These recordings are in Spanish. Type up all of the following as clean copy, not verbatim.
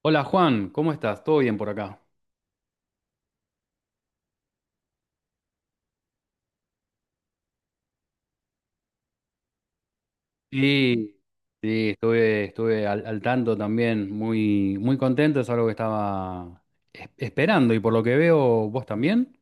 Hola Juan, ¿cómo estás? ¿Todo bien por acá? Sí, sí, estuve al tanto también, muy, muy contento, es algo que estaba esperando y por lo que veo vos también.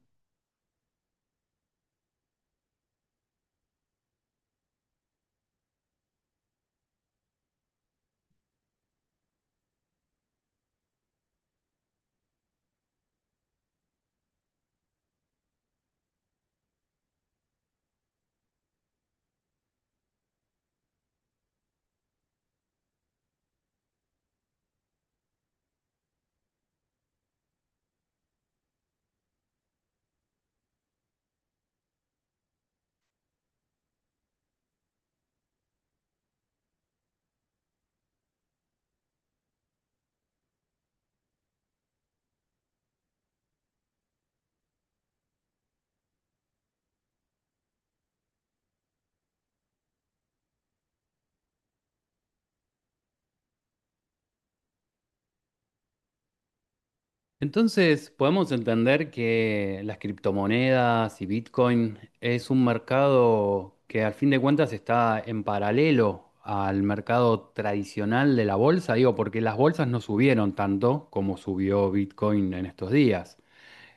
Entonces, podemos entender que las criptomonedas y Bitcoin es un mercado que al fin de cuentas está en paralelo al mercado tradicional de la bolsa, digo, porque las bolsas no subieron tanto como subió Bitcoin en estos días.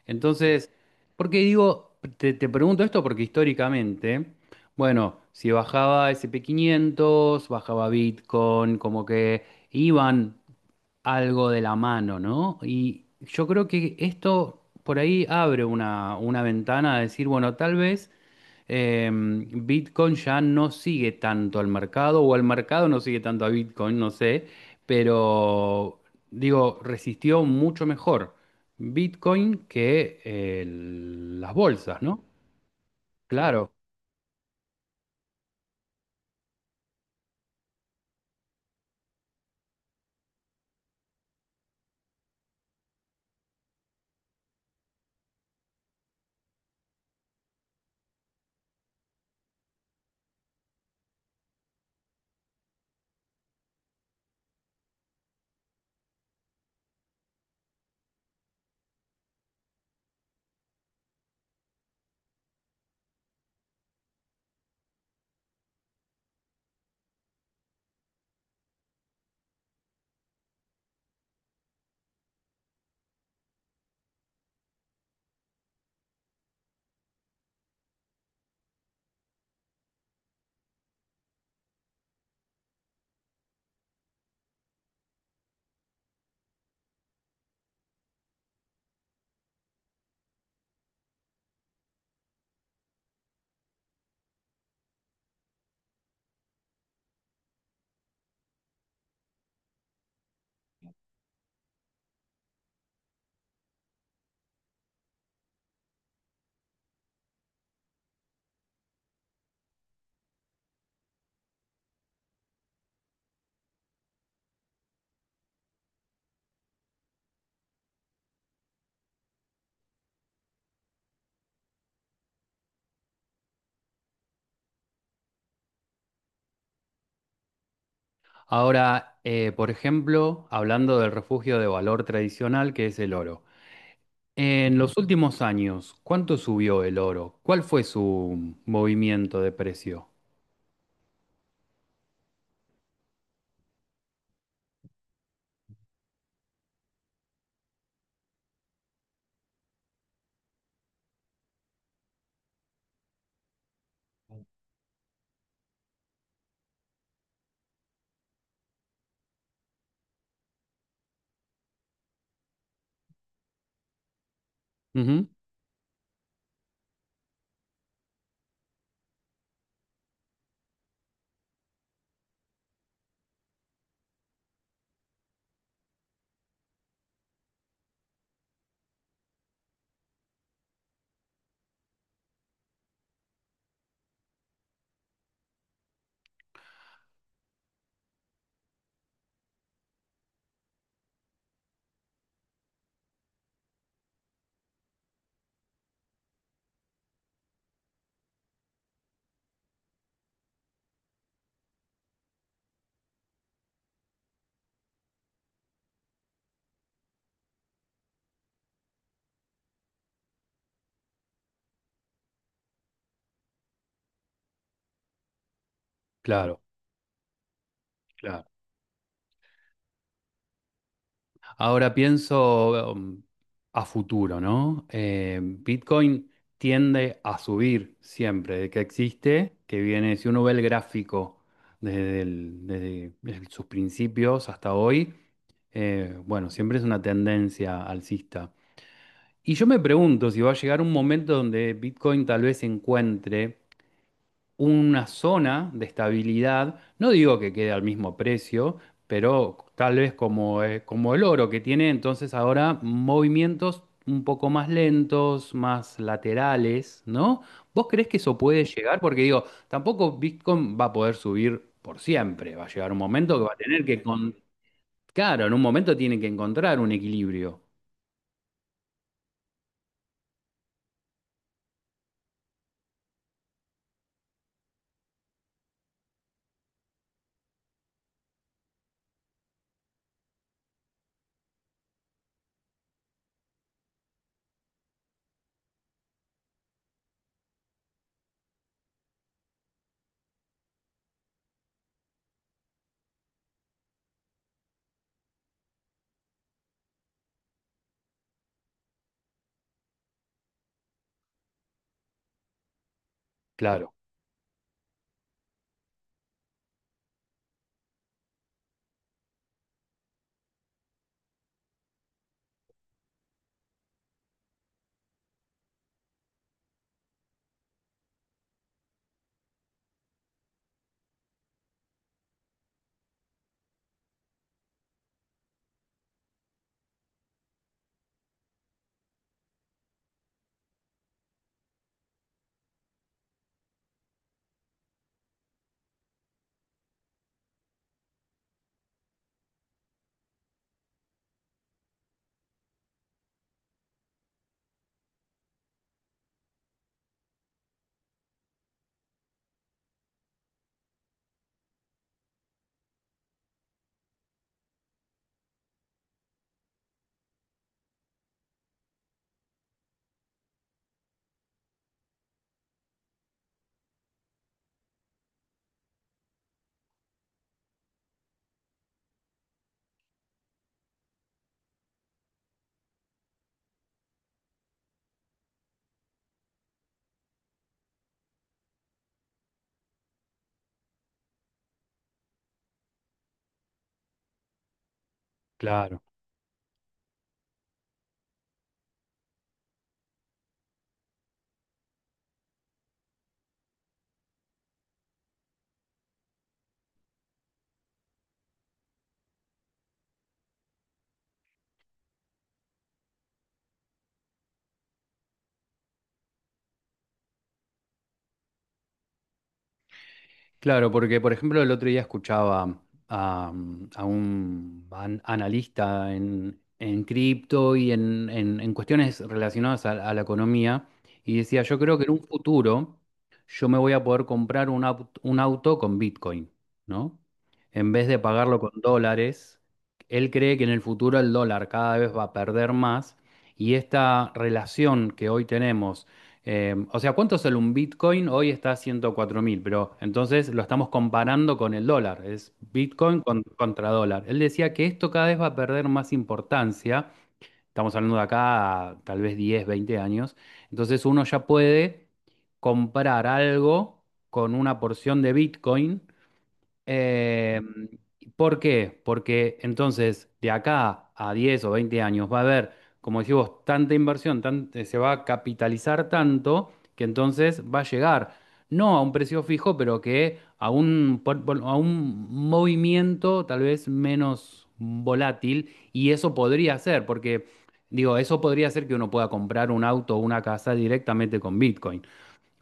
Entonces, porque digo, ¿te pregunto esto? Porque históricamente, bueno, si bajaba S&P 500, bajaba Bitcoin, como que iban algo de la mano, ¿no? Y yo creo que esto por ahí abre una ventana a decir, bueno, tal vez Bitcoin ya no sigue tanto al mercado, o al mercado no sigue tanto a Bitcoin, no sé, pero digo, resistió mucho mejor Bitcoin que las bolsas, ¿no? Claro. Ahora, por ejemplo, hablando del refugio de valor tradicional que es el oro. En los últimos años, ¿cuánto subió el oro? ¿Cuál fue su movimiento de precio? Ujú. Claro, claro. Ahora pienso a futuro, ¿no? Bitcoin tiende a subir siempre, de que existe, que viene, si uno ve el gráfico desde sus principios hasta hoy, bueno, siempre es una tendencia alcista. Y yo me pregunto si va a llegar un momento donde Bitcoin tal vez encuentre una zona de estabilidad, no digo que quede al mismo precio, pero tal vez como el oro que tiene entonces ahora movimientos un poco más lentos, más laterales, ¿no? ¿Vos crees que eso puede llegar? Porque digo, tampoco Bitcoin va a poder subir por siempre, va a llegar un momento que va a tener que, con... claro, en un momento tiene que encontrar un equilibrio. Claro, claro. Claro, porque por ejemplo el otro día escuchaba a un analista en cripto y en cuestiones relacionadas a la economía y decía, yo creo que en un futuro yo me voy a poder comprar un auto con Bitcoin, ¿no? En vez de pagarlo con dólares, él cree que en el futuro el dólar cada vez va a perder más y esta relación que hoy tenemos o sea, ¿cuánto sale un Bitcoin? Hoy está a 104.000, pero entonces lo estamos comparando con el dólar. Es Bitcoin contra dólar. Él decía que esto cada vez va a perder más importancia. Estamos hablando de acá a tal vez 10, 20 años. Entonces uno ya puede comprar algo con una porción de Bitcoin eh, ¿por qué? Porque entonces de acá a 10 o 20 años va a haber, como decís vos, tanta inversión, se va a capitalizar tanto que entonces va a llegar, no a un precio fijo, pero que a un, a un movimiento tal vez menos volátil y eso podría ser, porque digo, eso podría ser que uno pueda comprar un auto o una casa directamente con Bitcoin.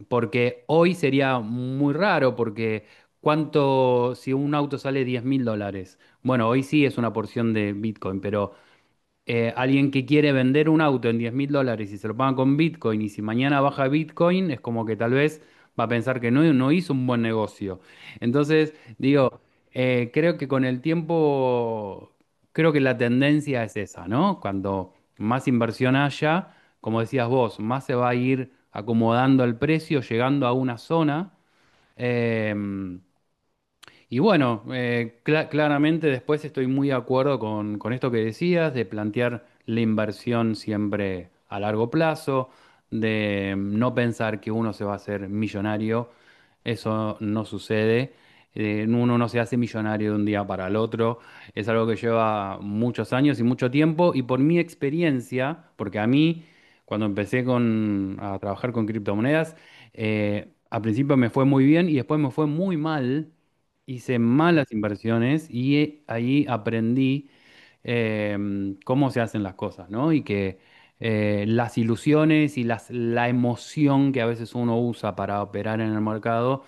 Porque hoy sería muy raro, porque cuánto, si un auto sale 10.000 dólares, bueno, hoy sí es una porción de Bitcoin, pero alguien que quiere vender un auto en 10.000 dólares y se lo paga con Bitcoin y si mañana baja Bitcoin es como que tal vez va a pensar que no, no hizo un buen negocio. Entonces, digo, creo que con el tiempo, creo que la tendencia es esa, ¿no? Cuando más inversión haya, como decías vos, más se va a ir acomodando el precio, llegando a una zona. em, y bueno, claramente después estoy muy de acuerdo con esto que decías, de plantear la inversión siempre a largo plazo, de no pensar que uno se va a hacer millonario, eso no sucede. Uno no se hace millonario de un día para el otro, es algo que lleva muchos años y mucho tiempo, y por mi experiencia, porque a mí, cuando empecé a trabajar con criptomonedas, al principio me fue muy bien y después me fue muy mal, hice malas inversiones y ahí aprendí cómo se hacen las cosas, ¿no? Y que las ilusiones y la emoción que a veces uno usa para operar en el mercado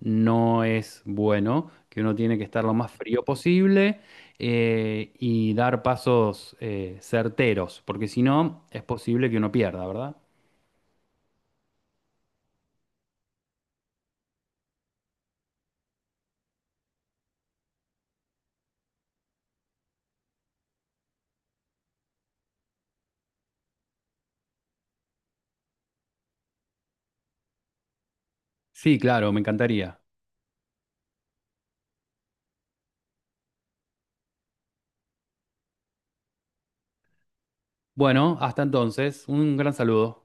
no es bueno, que uno tiene que estar lo más frío posible y dar pasos certeros, porque si no es posible que uno pierda, ¿verdad? Sí, claro, me encantaría. Bueno, hasta entonces, un gran saludo.